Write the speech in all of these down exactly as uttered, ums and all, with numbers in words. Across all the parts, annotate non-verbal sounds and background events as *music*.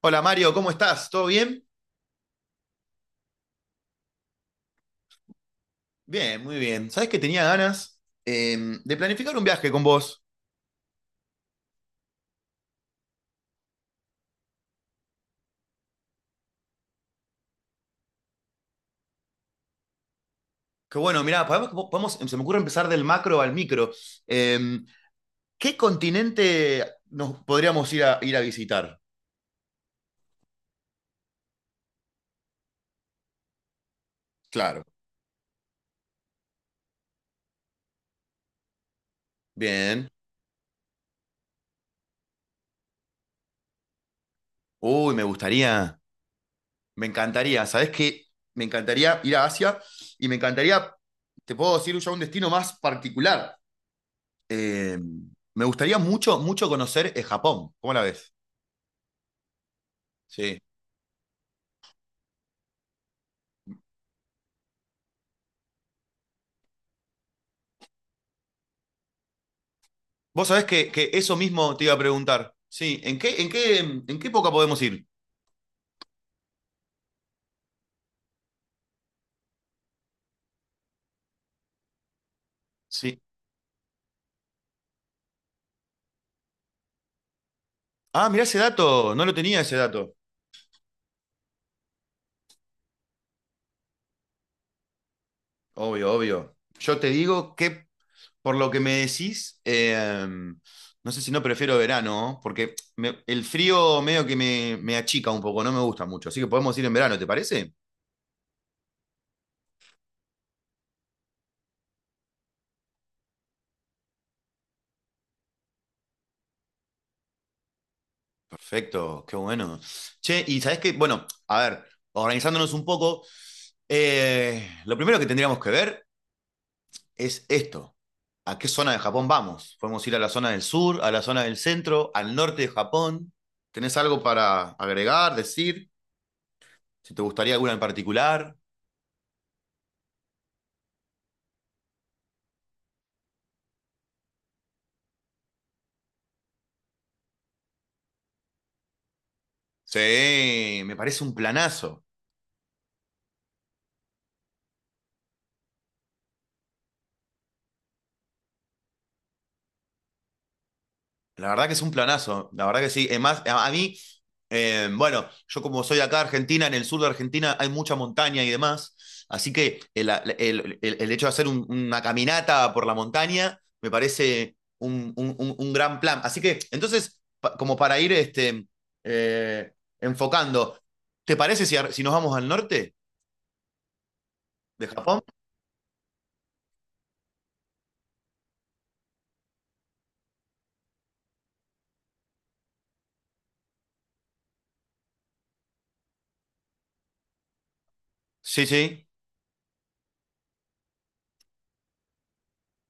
Hola, Mario, ¿cómo estás? ¿Todo bien? Bien, muy bien. ¿Sabés que tenía ganas eh, de planificar un viaje con vos? Que bueno. Mirá, podemos, podemos- se me ocurre empezar del macro al micro. Eh, ¿Qué continente nos podríamos ir a, ir a visitar? Claro. Bien. Uy, me gustaría, me encantaría. ¿Sabés qué? Me encantaría ir a Asia y me encantaría, te puedo decir ya un destino más particular. Eh, me gustaría mucho, mucho conocer eh, Japón. ¿Cómo la ves? Sí. Vos sabés que, que eso mismo te iba a preguntar. Sí, ¿en qué, en qué, en qué época podemos ir? Sí. Ah, mirá ese dato, no lo tenía ese dato. Obvio, obvio. Yo te digo que por lo que me decís, eh, no sé si no prefiero verano, ¿no? Porque me- el frío medio que me, me achica un poco, no me gusta mucho. Así que podemos ir en verano, ¿te parece? Perfecto, qué bueno. Che, y sabés que, bueno, a ver, organizándonos un poco, eh, lo primero que tendríamos que ver es esto. ¿A qué zona de Japón vamos? Podemos ir a la zona del sur, a la zona del centro, al norte de Japón. ¿Tenés algo para agregar, decir? Si te gustaría alguna en particular. Sí, me parece un planazo. La verdad que es un planazo, la verdad que sí. Además, a, a mí, eh, bueno, yo como soy acá Argentina, en el sur de Argentina hay mucha montaña y demás, así que el, el, el, el hecho de hacer un- una caminata por la montaña me parece un, un- un- un gran plan. Así que entonces, pa- como para ir este, eh, enfocando, ¿te parece si, ar- si nos vamos al norte de Japón? Sí, sí.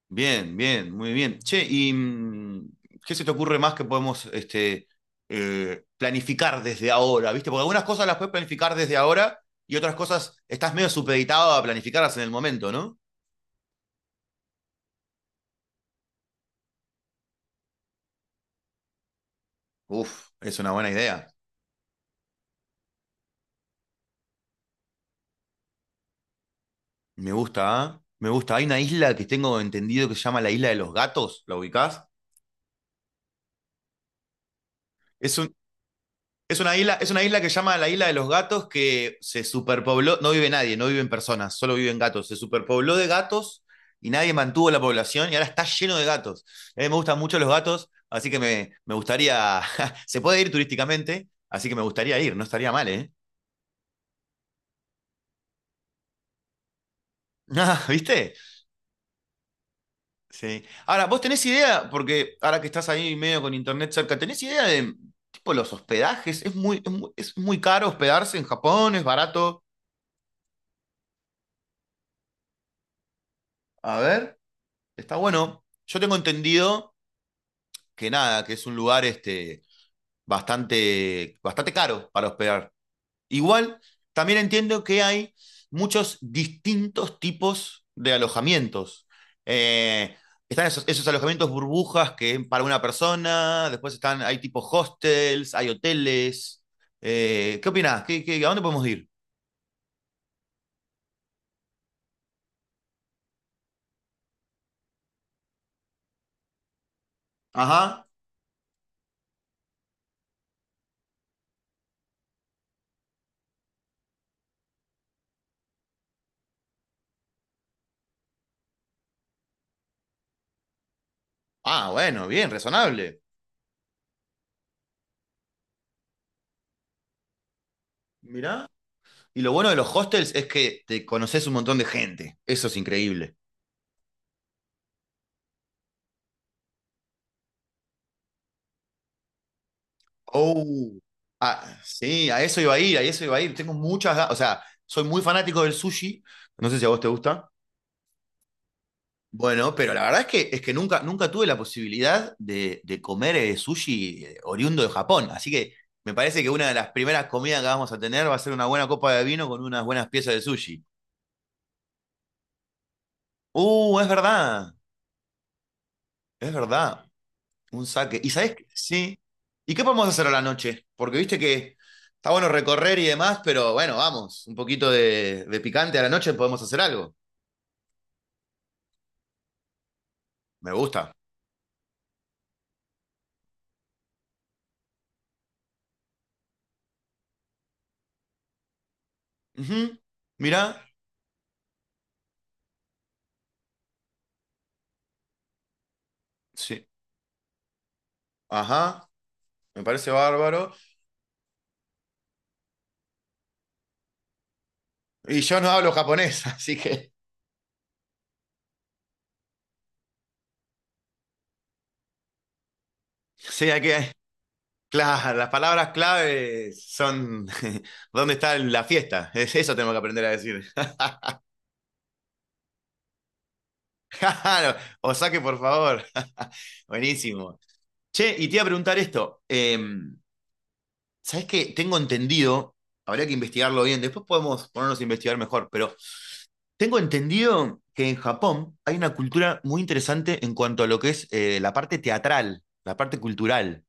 Bien, bien, muy bien. Che, ¿y mm, qué se te ocurre más que podemos este, eh, planificar desde ahora? ¿Viste? Porque algunas cosas las puedes planificar desde ahora y otras cosas estás medio supeditado a planificarlas en el momento, ¿no? Uf, es una buena idea. Me gusta, ¿ah? Me gusta. Hay una isla que tengo entendido que se llama la Isla de los Gatos, ¿la ubicás? Es un, Es una isla, es una isla que se llama la Isla de los Gatos, que se superpobló, no vive nadie, no viven personas, solo viven gatos. Se superpobló de gatos y nadie mantuvo la población y ahora está lleno de gatos. A mí me gustan mucho los gatos, así que me, me gustaría, *laughs* se puede ir turísticamente, así que me gustaría ir, no estaría mal, ¿eh? *laughs* ¿Viste? Sí. Ahora, ¿vos tenés idea? Porque ahora que estás ahí medio con internet cerca, ¿tenés idea de tipo los hospedajes? ¿Es muy, es muy, es muy caro hospedarse en Japón? ¿Es barato? A ver. Está bueno. Yo tengo entendido que nada, que es un lugar este, bastante, bastante caro para hospedar. Igual, también entiendo que hay muchos distintos tipos de alojamientos. Eh, están esos, esos alojamientos burbujas que es para una persona, después están, hay tipos hostels, hay hoteles. Eh, ¿qué opinás? ¿Qué, qué, a dónde podemos ir? Ajá. Ah, bueno, bien, razonable. Mirá. Y lo bueno de los hostels es que te conoces un montón de gente. Eso es increíble. Oh, ah, sí, a eso iba a ir, a eso iba a ir. Tengo muchas, ga- o sea, soy muy fanático del sushi. No sé si a vos te gusta. Bueno, pero la verdad es que, es que nunca, nunca tuve la posibilidad de, de comer eh, sushi eh, oriundo de Japón. Así que me parece que una de las primeras comidas que vamos a tener va a ser una buena copa de vino con unas buenas piezas de sushi. Uh, es verdad, es verdad. Un saque. ¿Y sabés qué? Sí. ¿Y qué podemos hacer a la noche? Porque viste que está bueno recorrer y demás, pero bueno, vamos, un poquito de, de picante a la noche podemos hacer algo. Me gusta. Ujú. Mirá. Sí. Ajá. Me parece bárbaro. Y yo no hablo japonés, *laughs* así que. Sí, hay que. Claro, las palabras clave son *laughs* ¿dónde está la fiesta? Es- Eso tenemos que aprender a decir. *laughs* Claro, o saque, por favor. *laughs* Buenísimo. Che, y te iba a preguntar esto. em, ¿Sabes qué? Tengo entendido, habría que investigarlo bien, después podemos ponernos a investigar mejor, pero tengo entendido que en Japón hay una cultura muy interesante en cuanto a lo que es eh, la parte teatral, la parte cultural.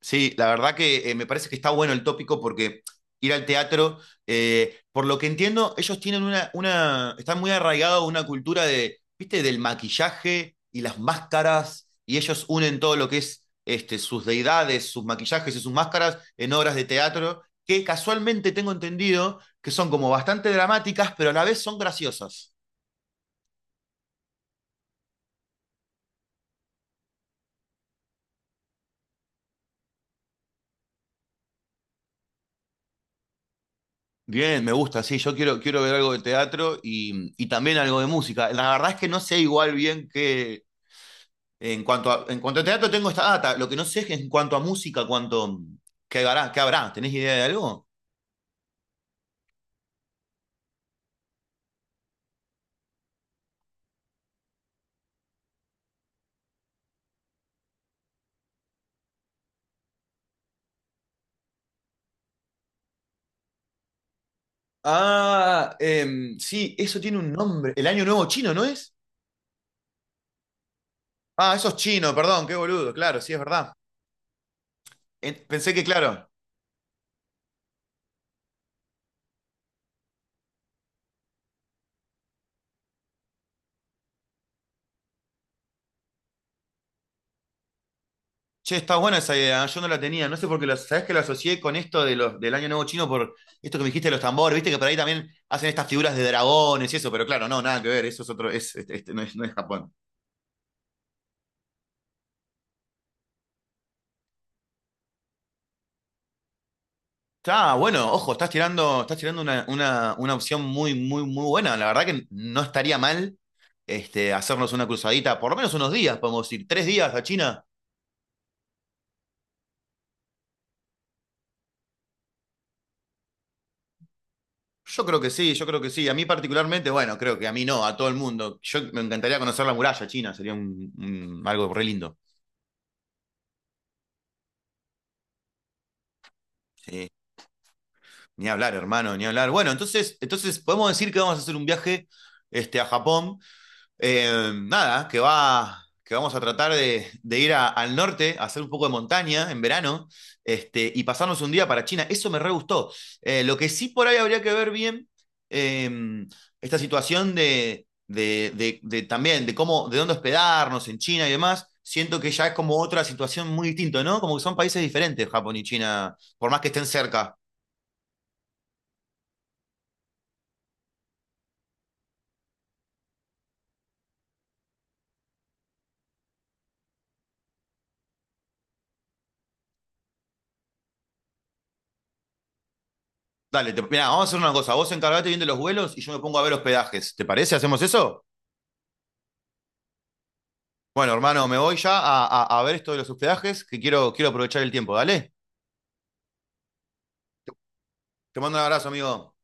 Sí, la verdad que eh, me parece que está bueno el tópico porque ir al teatro, eh, por lo que entiendo, ellos tienen una, una, están muy arraigados a una cultura de, viste, del maquillaje y las máscaras, y ellos unen todo lo que es este, sus deidades, sus maquillajes y sus máscaras en obras de teatro, que casualmente tengo entendido que son como bastante dramáticas, pero a la vez son graciosas. Bien, me gusta, sí, yo quiero, quiero ver algo de teatro y, y también algo de música. La verdad es que no sé igual bien qué. En cuanto a, en cuanto a teatro tengo esta data. Lo que no sé es que en cuanto a música, cuánto, qué habrá, qué habrá. ¿Tenés idea de algo? Ah, em, sí, eso tiene un nombre. El Año Nuevo Chino, ¿no es? Ah, eso es chino, perdón, qué boludo, claro, sí, es verdad. En- pensé que, claro, che, está buena esa idea, yo no la tenía, no sé por qué, lo- sabés que lo asocié con esto de los, del Año Nuevo Chino por esto que me dijiste de los tambores, viste que por ahí también hacen estas figuras de dragones y eso, pero claro, no, nada que ver, eso es otro, es, este- este no es, no es Japón. Está bueno, ojo, estás tirando, estás tirando una, una, una opción muy, muy, muy buena. La verdad que no estaría mal este, hacernos una cruzadita, por lo menos unos días, podemos ir, tres días a China. Yo creo que sí, yo creo que sí. A mí particularmente, bueno, creo que a mí no, a todo el mundo. Yo me encantaría conocer la muralla china, sería un, un- algo re lindo. Sí. Ni hablar, hermano, ni hablar. Bueno, entonces, entonces podemos decir que vamos a hacer un viaje este, a Japón. Eh, nada, que va, que vamos a tratar de, de ir a- al norte, a hacer un poco de montaña en verano, este, y pasarnos un día para China. Eso me re gustó. Eh, lo que sí por ahí habría que ver bien, eh, esta situación de, de- de- de también, de cómo, de dónde hospedarnos en China y demás. Siento que ya es como otra situación muy distinta, ¿no? Como que son países diferentes, Japón y China, por más que estén cerca. Dale, te- mirá, vamos a hacer una cosa. Vos encargate bien de los vuelos y yo me pongo a ver hospedajes. ¿Te parece? ¿Hacemos eso? Bueno, hermano, me voy ya a, a- a ver esto de los hospedajes, que quiero, quiero aprovechar el tiempo. Dale, te mando un abrazo, amigo.